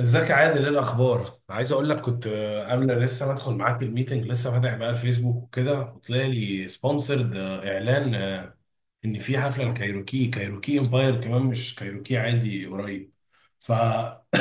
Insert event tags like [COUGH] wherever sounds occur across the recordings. ازيك يا عادل؟ ايه الاخبار؟ عايز اقول لك كنت قبل لسه ما ادخل معاك الميتنج، لسه فاتح بقى الفيسبوك وكده وطلع لي سبونسرد اعلان ان في حفله لكايروكي كايروكي امباير، كمان مش كايروكي عادي، قريب. ف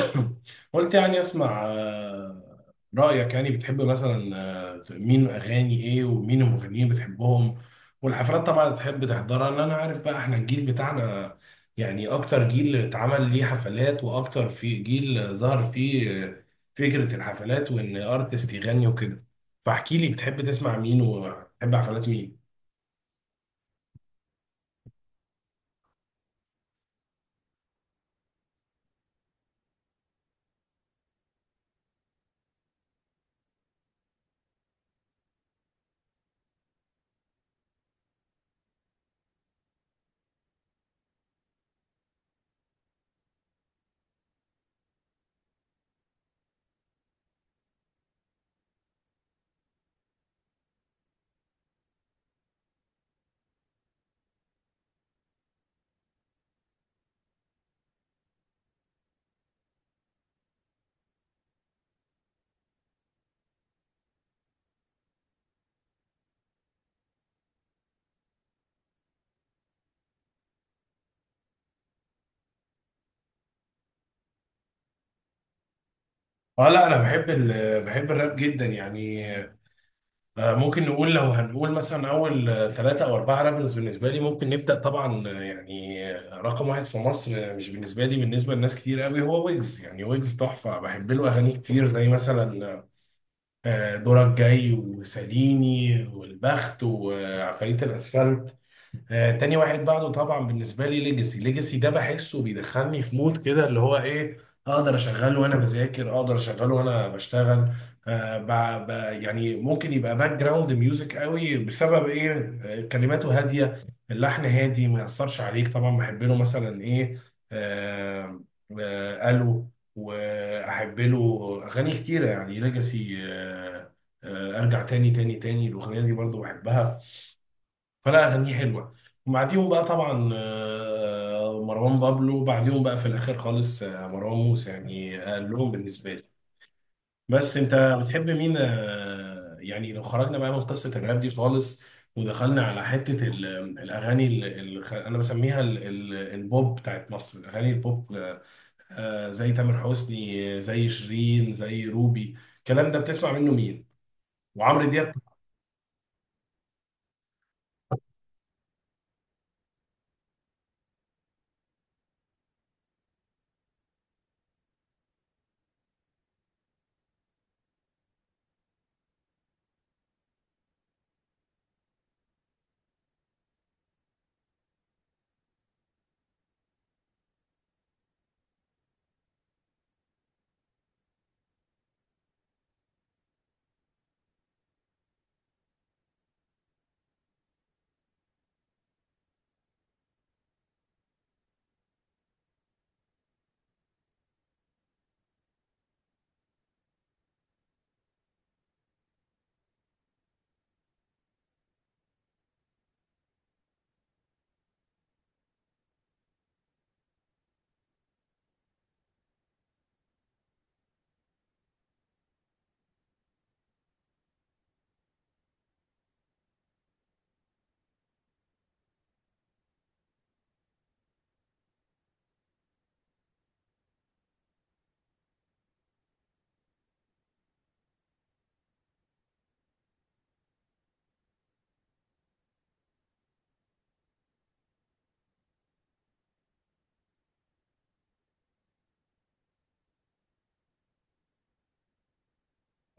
[COUGHS] قلت يعني اسمع رايك. يعني بتحب مثلا مين؟ اغاني ايه ومين المغنيين بتحبهم؟ والحفلات طبعا تحب تحضرها؟ لان انا عارف بقى احنا الجيل بتاعنا، يعني اكتر جيل اتعمل ليه حفلات واكتر في جيل ظهر فيه فكره الحفلات وان ارتست يغني وكده. فاحكي لي بتحب تسمع مين وبتحب حفلات مين. اه، لا انا بحب بحب الراب جدا يعني. ممكن نقول، لو هنقول مثلا اول ثلاثة او اربعة رابرز بالنسبة لي، ممكن نبدأ طبعا رقم واحد في مصر، مش بالنسبة لي، بالنسبة لناس كتير قوي، هو ويجز. يعني ويجز تحفة، بحب له اغاني كتير زي مثلا دورك جاي وساليني والبخت وعفاريت الاسفلت. تاني واحد بعده طبعا بالنسبه لي ليجاسي ده بحسه بيدخلني في مود كده اللي هو ايه، اقدر اشغله وانا بذاكر، اقدر اشغله وانا بشتغل. يعني ممكن يبقى باك جراوند ميوزك قوي. بسبب ايه؟ كلماته هاديه، اللحن هادي، ما ياثرش عليك. طبعا بحب له مثلا ايه، آه الو، واحب له اغاني كتيره يعني ليجاسي. ارجع تاني، الاغنيه دي برضو بحبها، فلا اغانيه حلوه. وبعديهم بقى طبعا مروان بابلو، وبعديهم بقى في الاخر خالص مروان موسى، يعني اقلهم بالنسبه لي. بس انت بتحب مين يعني؟ لو خرجنا بقى من قصه الراب دي خالص ودخلنا على حته الاغاني انا بسميها البوب بتاعت مصر، الاغاني البوب، زي تامر حسني، زي شيرين، زي روبي، الكلام ده بتسمع منه مين؟ وعمرو دياب؟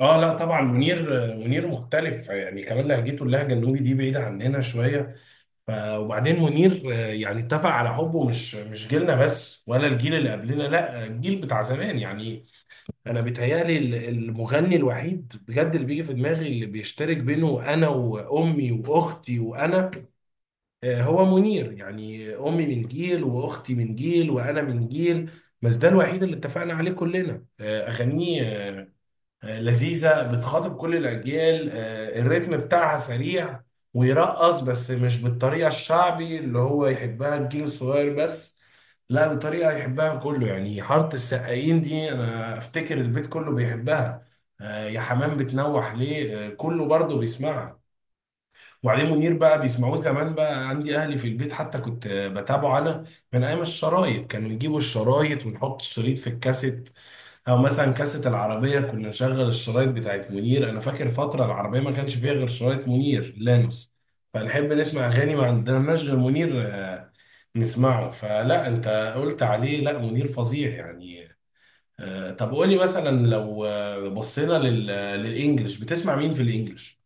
اه لا طبعا منير مختلف يعني، كمان لهجته، اللهجه النوبي دي بعيده عننا شويه. وبعدين منير يعني اتفق على حبه مش جيلنا بس، ولا الجيل اللي قبلنا، لا الجيل بتاع زمان يعني. انا بيتهيالي المغني الوحيد بجد اللي بيجي في دماغي، اللي بيشترك بينه انا وامي واختي وانا هو منير. يعني امي من جيل واختي من جيل وانا من جيل، بس ده الوحيد اللي اتفقنا عليه كلنا. اغانيه لذيذة، بتخاطب كل الأجيال، الريتم بتاعها سريع ويرقص، بس مش بالطريقة الشعبي اللي هو يحبها الجيل الصغير بس، لا بطريقة يحبها كله يعني. حارة السقايين دي أنا أفتكر البيت كله بيحبها، يا حمام بتنوح ليه كله برضه بيسمعها. وبعدين منير بقى بيسمعوه كمان بقى عندي اهلي في البيت، حتى كنت بتابعه انا من ايام الشرايط. كانوا يجيبوا الشرايط ونحط الشريط في الكاسيت، او مثلا كاسيت العربيه كنا نشغل الشرايط بتاعت منير. انا فاكر فتره العربيه ما كانش فيها غير شرايط منير لانوس، فنحب نسمع اغاني. ما عندناش غير منير نسمعه. فلا انت قلت عليه، لا منير فظيع يعني. طب قولي مثلا، لو بصينا للانجليش، بتسمع مين في الانجليش؟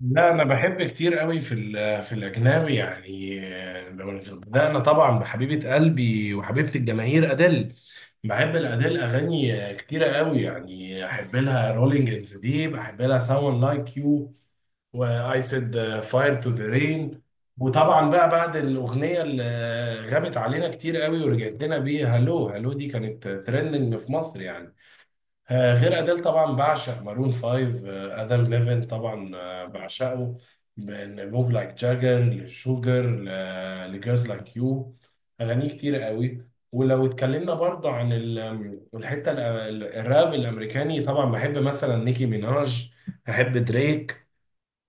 لا انا بحب كتير قوي في في الاجنبي يعني. بدانا طبعا بحبيبه قلبي وحبيبه الجماهير ادل. بحب الادل اغاني كتيره قوي، يعني احب لها رولينج ان ذا ديب، احب لها ساون لايك يو، واي سيد، فاير تو ذا رين. وطبعا بقى بعد الاغنيه اللي غابت علينا كتير قوي ورجعت لنا بيها، هلو، هلو دي كانت ترندنج في مصر يعني. غير أديل طبعا بعشق مارون فايف، آدم ليفن طبعا بعشقه. لفوف لايك جاجر، لشوجر، لجيرز لايك يو، أغانيه كتير قوي. ولو اتكلمنا برضه عن الحتة الراب الأمريكاني، طبعا بحب مثلا نيكي ميناج، أحب دريك،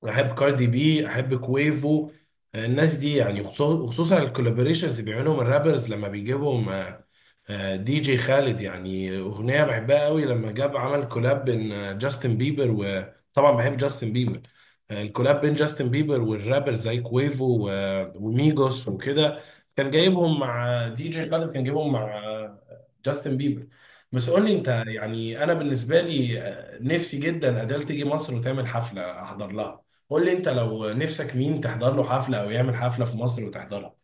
أحب كاردي بي، أحب كويفو. الناس دي يعني وخصوصا الكولابوريشنز بيعملهم الرابرز لما بيجيبهم دي جي خالد. يعني اغنيه بحبها قوي لما جاب عمل كولاب بين جاستن بيبر، وطبعا بحب جاستن بيبر. الكولاب بين جاستن بيبر والرابر زي كويفو وميجوس وكده، كان جايبهم مع دي جي خالد، كان جايبهم مع جاستن بيبر. بس قول لي انت، يعني انا بالنسبه لي نفسي جدا اديل تيجي مصر وتعمل حفله احضر لها. قول لي انت، لو نفسك مين تحضر له حفله او يعمل حفله في مصر وتحضرها؟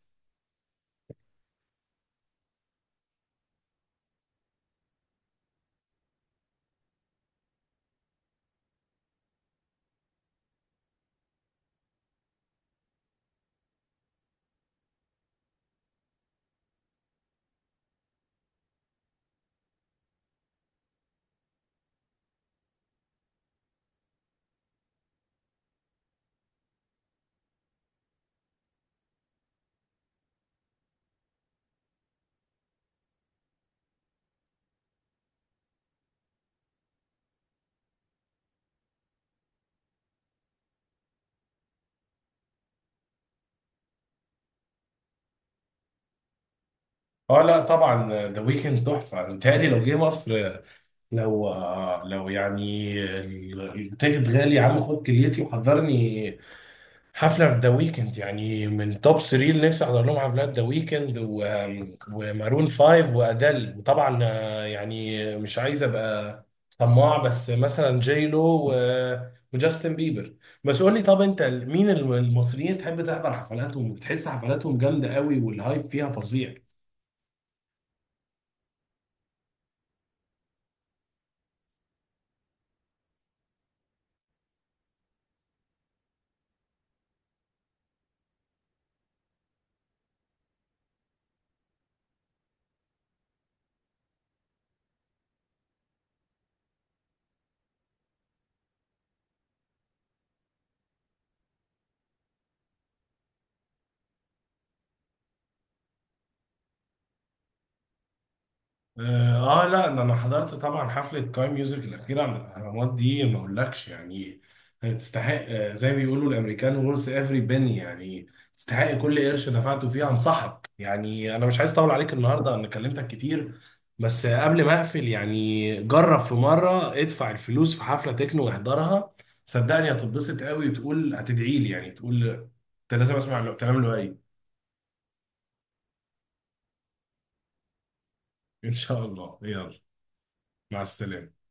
اه لا طبعا ذا ويكند تحفه، متهيألي لو جه مصر، لو لو يعني، التيكت غالي يا عم خد كليتي وحضرني حفله في ذا ويكند. يعني من توب 3 اللي نفسي احضر لهم حفلات، ذا ويكند ومارون 5 وادل. وطبعا يعني مش عايز ابقى طماع، بس مثلا جيلو و- وجاستن بيبر. بس قول لي، طب انت مين المصريين تحب تحضر حفلاتهم وبتحس حفلاتهم جامده قوي والهايب فيها فظيع؟ اه، لا ده انا حضرت طبعا حفله كاي ميوزك الاخيره عند الاهرامات، دي ما اقولكش يعني. تستحق، زي ما بيقولوا الامريكان، ورث افري بني، يعني تستحق كل قرش دفعته فيها، انصحك. يعني انا مش عايز اطول عليك النهارده، انا كلمتك كتير، بس قبل ما اقفل، يعني جرب في مره ادفع الفلوس في حفله تكنو واحضرها، صدقني هتتبسط قوي وتقول هتدعي لي. يعني تقول انت لازم اسمع الكلام اللي قايل. ان شاء الله يلا، مع السلامه.